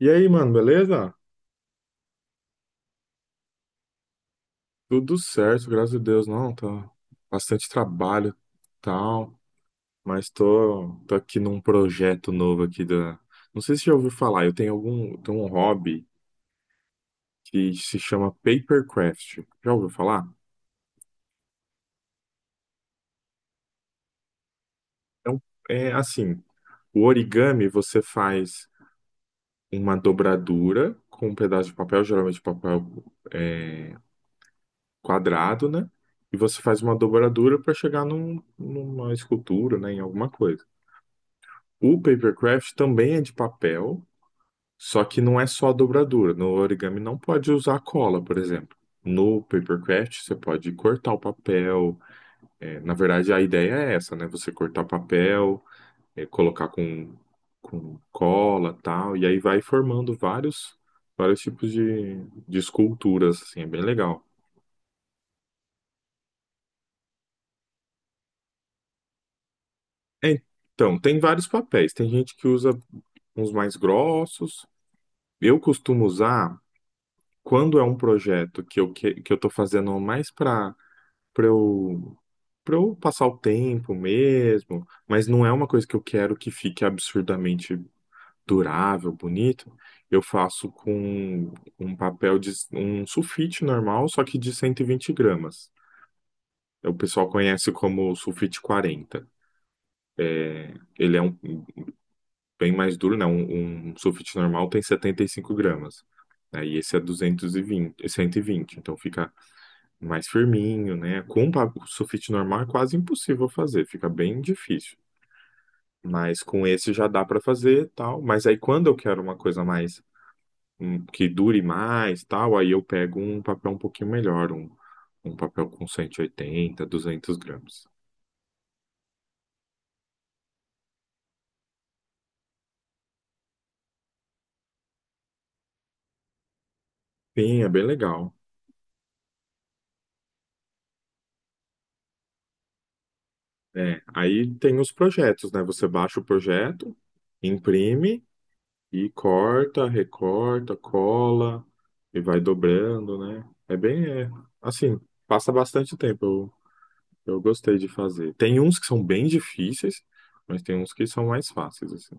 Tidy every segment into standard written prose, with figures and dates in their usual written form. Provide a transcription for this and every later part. E aí, mano, beleza? Tudo certo, graças a Deus. Não, tá bastante trabalho, tal, mas tô aqui num projeto novo aqui da. Não sei se já ouviu falar, eu tenho um hobby que se chama papercraft. Já ouviu falar? É, é assim, o origami você faz uma dobradura com um pedaço de papel, geralmente papel é, quadrado, né? E você faz uma dobradura para chegar numa escultura, né, em alguma coisa. O papercraft também é de papel, só que não é só a dobradura. No origami não pode usar cola, por exemplo. No papercraft você pode cortar o papel. É, na verdade, a ideia é essa, né? Você cortar o papel, colocar com cola, tal, e aí vai formando vários tipos de esculturas, assim, é bem legal. É, então, tem vários papéis. Tem gente que usa uns mais grossos. Eu costumo usar quando é um projeto que eu tô fazendo mais para eu para eu passar o tempo mesmo, mas não é uma coisa que eu quero que fique absurdamente durável, bonito, eu faço com um papel de um sulfite normal, só que de 120 gramas. O pessoal conhece como sulfite 40. Ele é bem mais duro, né? Um sulfite normal tem 75 gramas. Né? E esse é 220, 120. Então fica mais firminho, né? O sulfite normal é quase impossível fazer, fica bem difícil. Mas com esse já dá para fazer, e tal. Mas aí quando eu quero uma coisa mais que dure mais, tal, aí eu pego um papel um pouquinho melhor, um papel com 180, 200 gramas. Sim, é bem legal. É, aí tem os projetos, né? Você baixa o projeto, imprime e corta, recorta, cola e vai dobrando, né? É bem, assim, passa bastante tempo. Eu gostei de fazer. Tem uns que são bem difíceis, mas tem uns que são mais fáceis, assim.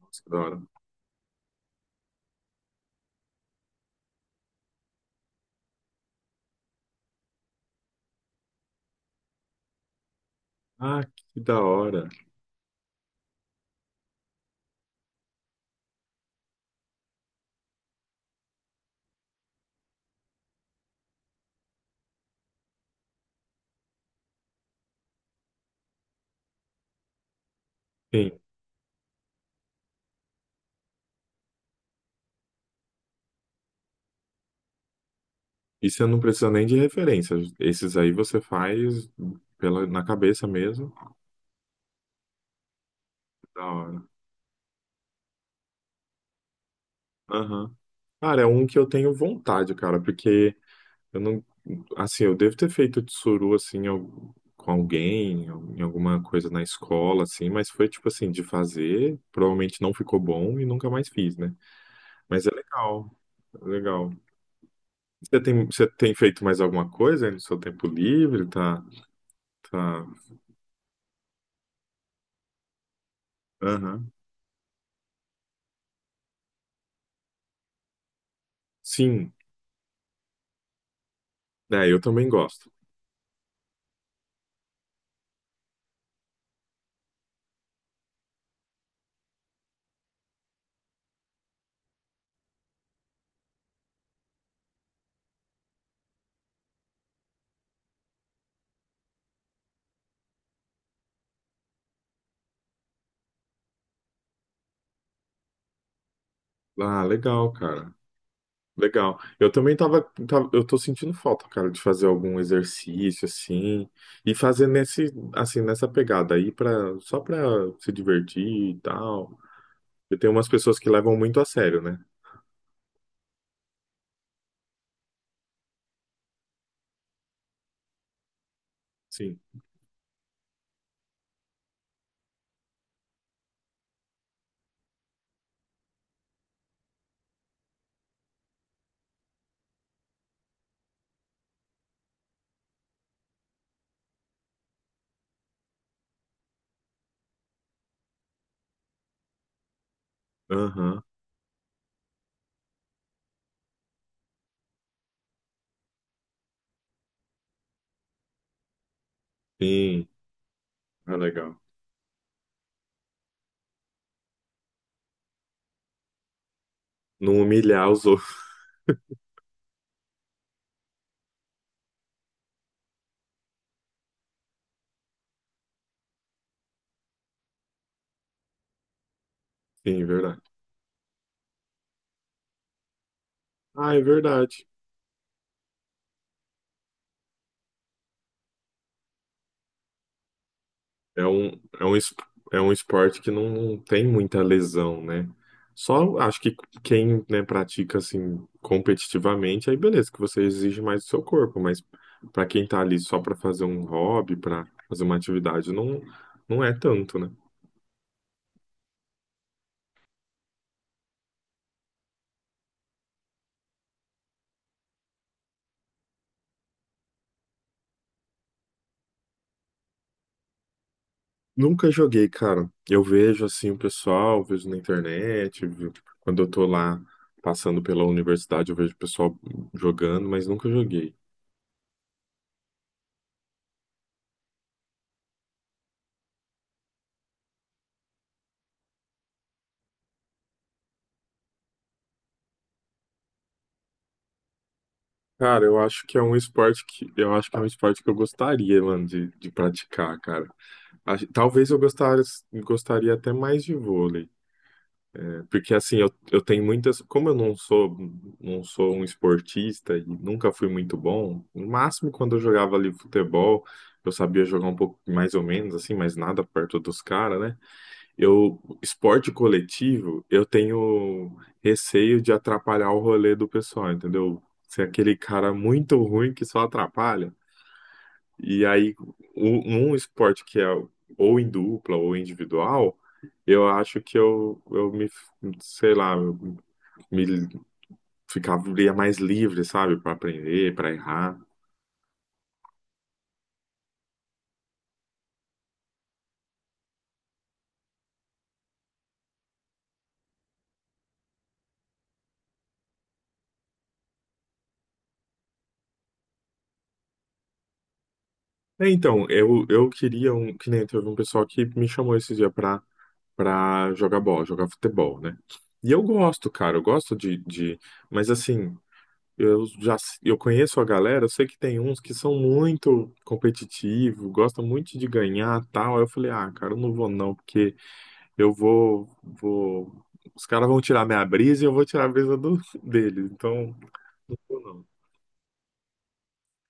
Nossa, que da hora. Ah, que da hora. Sim. E você não precisa nem de referência. Esses aí você faz pela, na cabeça mesmo. Da hora. Aham. Cara, é um que eu tenho vontade, cara, porque eu não, assim, eu devo ter feito tsuru assim com alguém, em alguma coisa na escola assim, mas foi tipo assim de fazer, provavelmente não ficou bom e nunca mais fiz, né? Mas é legal. É legal. Você tem feito mais alguma coisa aí no seu tempo livre? Tá, tá. Aham. Sim. É, eu também gosto. Ah, legal, cara. Legal. Eu também eu tô sentindo falta, cara, de fazer algum exercício assim e fazer nesse, assim, nessa pegada aí para só para se divertir e tal. Eu tenho umas pessoas que levam muito a sério, né? Sim. Aham. Sim. Ah, legal. Não humilhar os outros. Sim, verdade. Ah, é verdade. É um, é um, es- é um esporte que não tem muita lesão, né? Só acho que quem, né, pratica assim competitivamente, aí beleza, que você exige mais do seu corpo, mas pra quem tá ali só pra fazer um hobby, pra fazer uma atividade, não é tanto, né? Nunca joguei, cara. Eu vejo assim o pessoal, vejo na internet, quando eu tô lá passando pela universidade, eu vejo o pessoal jogando, mas nunca joguei. Cara, eu acho que é um esporte que eu gostaria, mano, de praticar, cara. Talvez eu gostar, gostaria até mais de vôlei, né? Porque assim, eu tenho muitas, como eu não sou um esportista e nunca fui muito bom, no máximo quando eu jogava ali futebol, eu sabia jogar um pouco mais ou menos assim, mas nada perto dos caras, né? Eu, esporte coletivo, eu tenho receio de atrapalhar o rolê do pessoal, entendeu? Ser aquele cara muito ruim que só atrapalha. E aí, um esporte que é ou em dupla ou individual, eu acho que eu me, sei lá, eu me ficaria mais livre, sabe? Para aprender, para errar. É, então, eu queria um, que nem teve um pessoal que me chamou esse dia para pra jogar bola, jogar futebol, né? E eu gosto, cara, eu gosto. Mas assim, eu já eu conheço a galera, eu sei que tem uns que são muito competitivos, gostam muito de ganhar tal. Aí eu falei, ah, cara, eu não vou não, porque eu vou, vou... Os caras vão tirar minha brisa e eu vou tirar a brisa do, deles, então não vou não.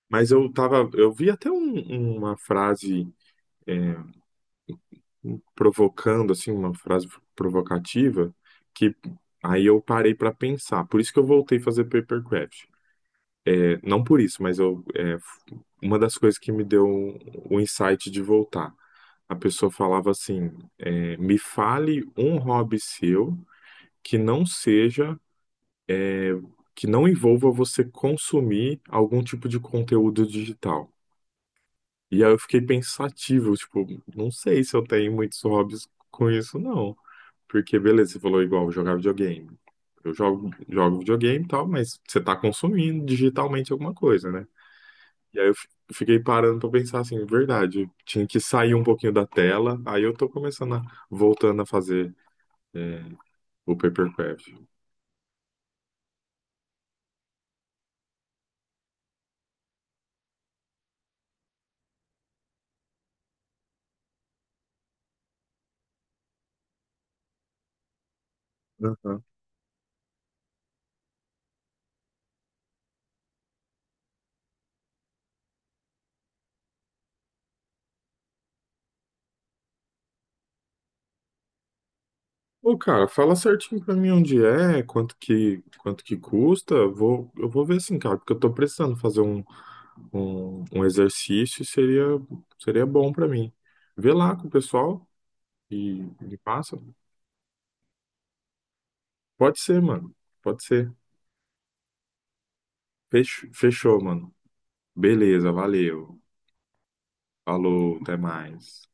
Mas eu vi até uma frase. é, provocando assim uma frase provocativa que aí eu parei para pensar. Por isso que eu voltei a fazer papercraft. É, não por isso, mas uma das coisas que me deu o insight de voltar. A pessoa falava assim: me fale um hobby seu que não seja, é, que não envolva você consumir algum tipo de conteúdo digital. E aí eu fiquei pensativo, tipo, não sei se eu tenho muitos hobbies com isso, não. Porque, beleza, você falou igual, jogar videogame. Eu jogo videogame e tal, mas você tá consumindo digitalmente alguma coisa, né? E aí eu fiquei parando pra pensar assim, verdade, eu tinha que sair um pouquinho da tela, aí eu tô começando a, voltando a fazer é, o papercraft. Aham. Ô, cara, fala certinho pra mim onde é, quanto que custa, eu vou ver assim, cara, porque eu tô precisando fazer um exercício seria bom pra mim. Vê lá com o pessoal e me passa. Pode ser, mano. Pode ser. Fechou, mano. Beleza, valeu. Falou, até mais.